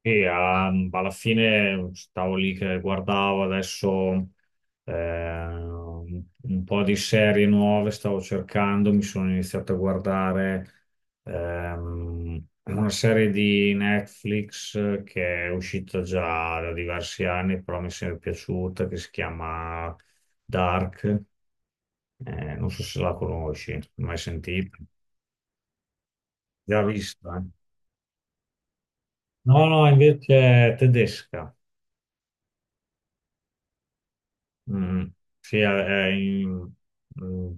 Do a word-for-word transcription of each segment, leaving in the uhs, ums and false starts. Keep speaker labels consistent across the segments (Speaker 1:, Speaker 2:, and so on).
Speaker 1: E ehm, alla fine stavo lì che guardavo adesso eh, un po' di serie nuove, stavo cercando, mi sono iniziato a guardare ehm, una serie di Netflix che è uscita già da diversi anni, però mi è sempre piaciuta, che si chiama Dark. Eh, non so se la conosci, mai sentita, già vista, eh? No, no, invece è tedesca. Mm, sì, è, è in- mm,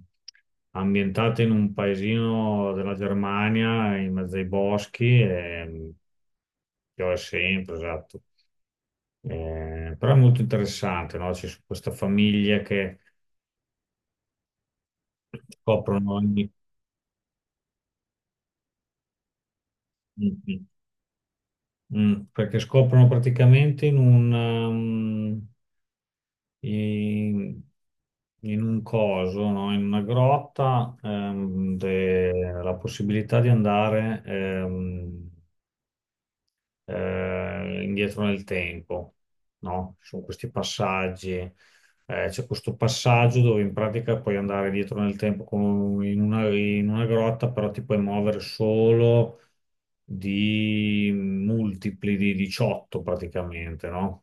Speaker 1: ambientato in un paesino della Germania, in mezzo ai boschi, e mm, piove sempre, esatto. Eh, però è molto interessante, no? C'è questa famiglia che scoprono ogni. Mm, mm, Perché scoprono praticamente in un... um, in, in un coso, no? In una grotta, ehm, de- la possibilità di andare ehm, eh, indietro nel tempo, no? Ci sono questi passaggi, eh, c'è questo passaggio dove in pratica puoi andare dietro nel tempo come in una, in una grotta, però ti puoi muovere solo di multipli di diciotto praticamente, no?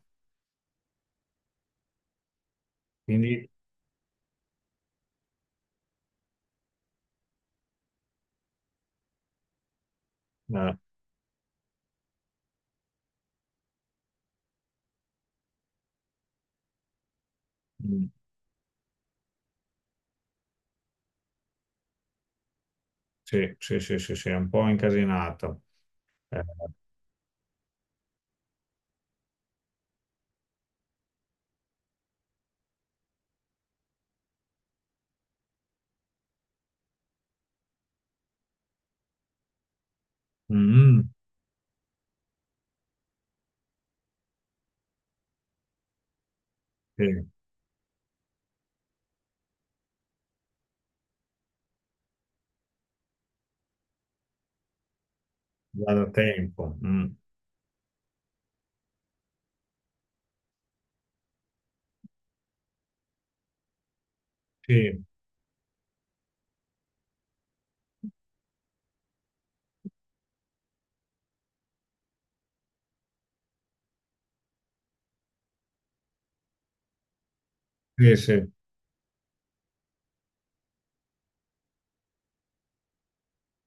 Speaker 1: Quindi, eh, mm, sì, sì, sì, sì, sì, è un po' incasinata. Eh, mm, sì, già da tempo. Mm, sì, sì, sì.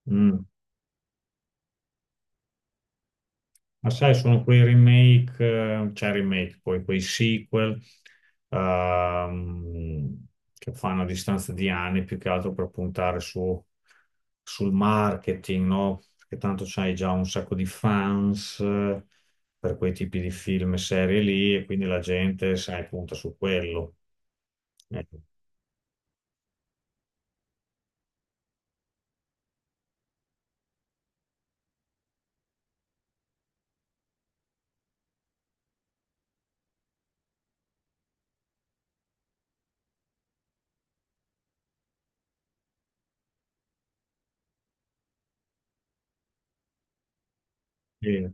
Speaker 1: Mm. Ma sai, sono quei remake, eh, cioè remake, poi quei sequel ehm, che fanno a distanza di anni più che altro per puntare su- sul marketing, no? Perché tanto c'hai già un sacco di fans eh, per quei tipi di film e serie lì e quindi la gente, sai, punta su quello. Ecco, sì,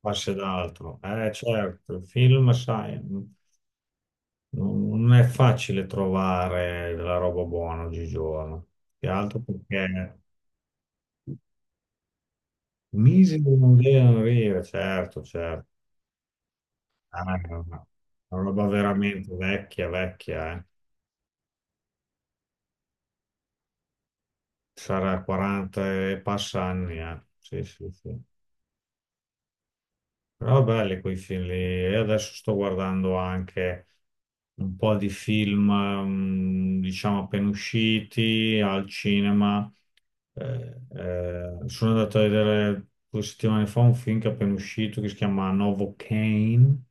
Speaker 1: passi ad altro. Eh, certo, il film, sai. Non non è facile trovare la roba buona oggigiorno, più che altro perché misero non devono dire, certo, certo. Ah, è una, una roba veramente vecchia, vecchia, eh. Sarà quaranta e passa anni, eh. Sì, sì, sì. Però belli quei film lì. E adesso sto guardando anche un po' di film, mm, diciamo, appena usciti al cinema. Eh, eh, sono andato a vedere due settimane fa un film che è appena uscito che si chiama Novocaine,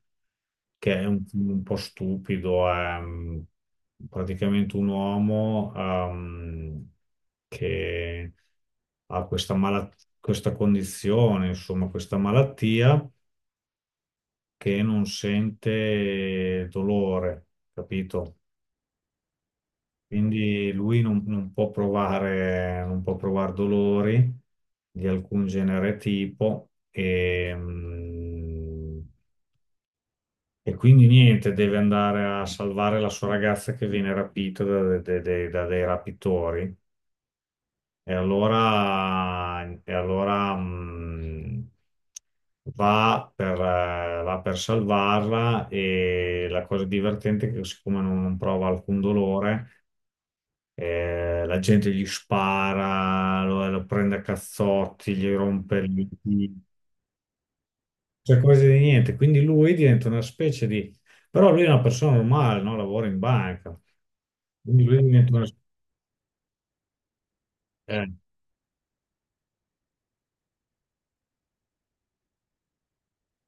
Speaker 1: che è un film un po' stupido. È mm, praticamente un uomo ehm, che ha questa, mala- questa condizione, insomma, questa malattia che non sente dolore, capito? Quindi lui non, non può provare, non può provare dolori di alcun genere tipo e, mm, e quindi niente, deve andare a salvare la sua ragazza che viene rapita da, de- de- da dei rapitori. E allora, e allora mm, va per, eh, va per salvarla e la cosa divertente è che siccome non non prova alcun dolore. Eh, la gente gli spara, lo, lo prende a cazzotti, gli rompe il cioè cose di niente. Quindi lui diventa una specie di. Però lui è una persona normale, no? Lavora in banca. Quindi lui diventa una... eh.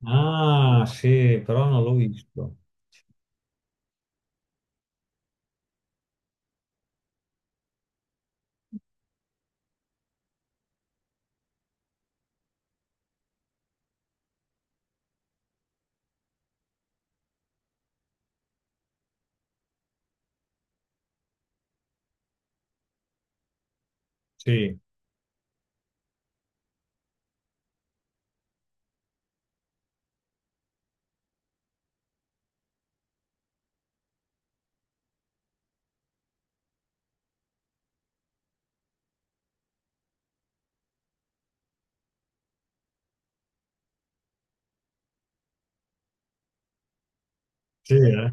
Speaker 1: Ah, sì, però non l'ho visto. Sì, sì, eh.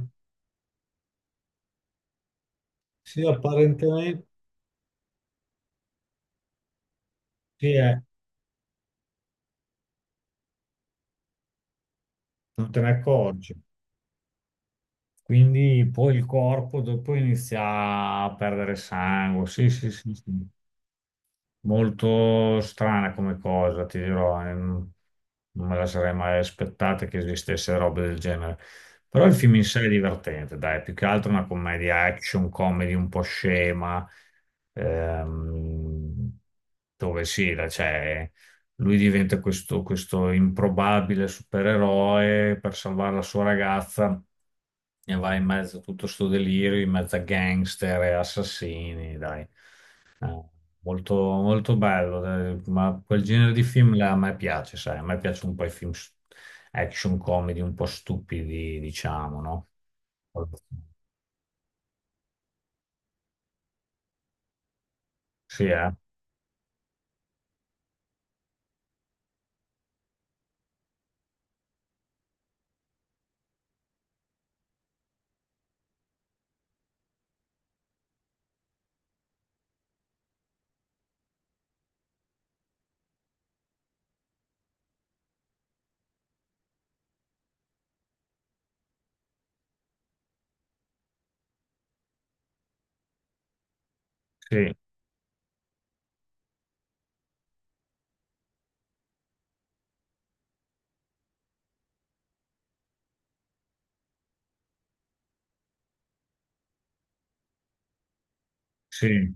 Speaker 1: Sì, apparentemente sì, eh. Non te ne accorgi. Quindi poi il corpo dopo inizia a perdere sangue. Sì, sì, sì, sì. Molto strana come cosa, ti dirò, eh, non non me la sarei mai aspettata che esistesse roba del genere. Però il film in sé è divertente, dai, più che altro una commedia action, comedy un po' scema, ehm, dove sì, la- cioè, lui diventa questo, questo improbabile supereroe per salvare la sua ragazza e va in mezzo a tutto sto delirio, in mezzo a gangster e assassini, dai. Eh, Molto, molto bello, eh, ma quel genere di film là a me piace, sai, a me piacciono un po' i film s- action comedy un po' stupidi, diciamo, no? Sì, eh? Sì, sì.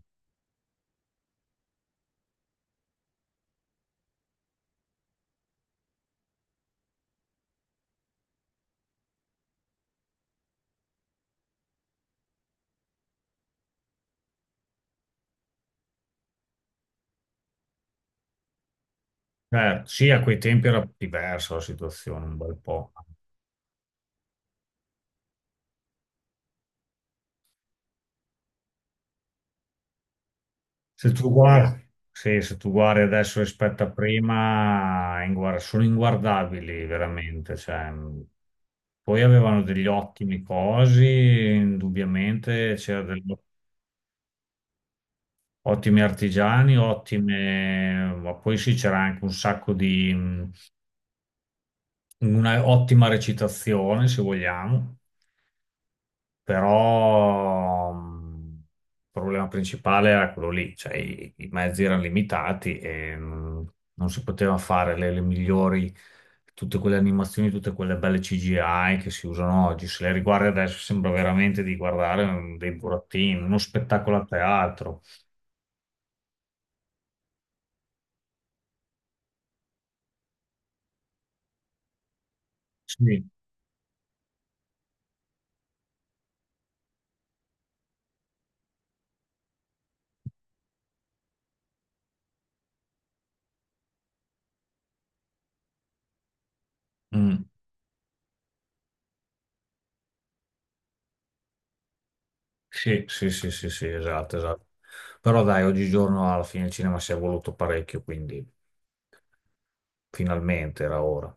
Speaker 1: Eh, sì, a quei tempi era diversa la situazione un bel po'. Se tu guardi, Sì, se tu guardi adesso rispetto a prima, è inguar- sono inguardabili veramente. Cioè, mh. Poi avevano degli ottimi cosi, indubbiamente c'era del ottimi artigiani, ottime, ma poi sì, c'era anche un sacco di, mh, una ottima recitazione, se vogliamo. Però mh, il problema principale era quello lì, cioè i, i mezzi erano limitati e mh, non si poteva fare le, le migliori, tutte quelle animazioni, tutte quelle belle C G I che si usano oggi, se le riguardi adesso sembra veramente di guardare mm, dei burattini, uno spettacolo a teatro. Sì. Mm. Sì, sì, sì, sì, sì, esatto, esatto. Però dai, oggigiorno alla fine il cinema si è evoluto parecchio, quindi finalmente era ora.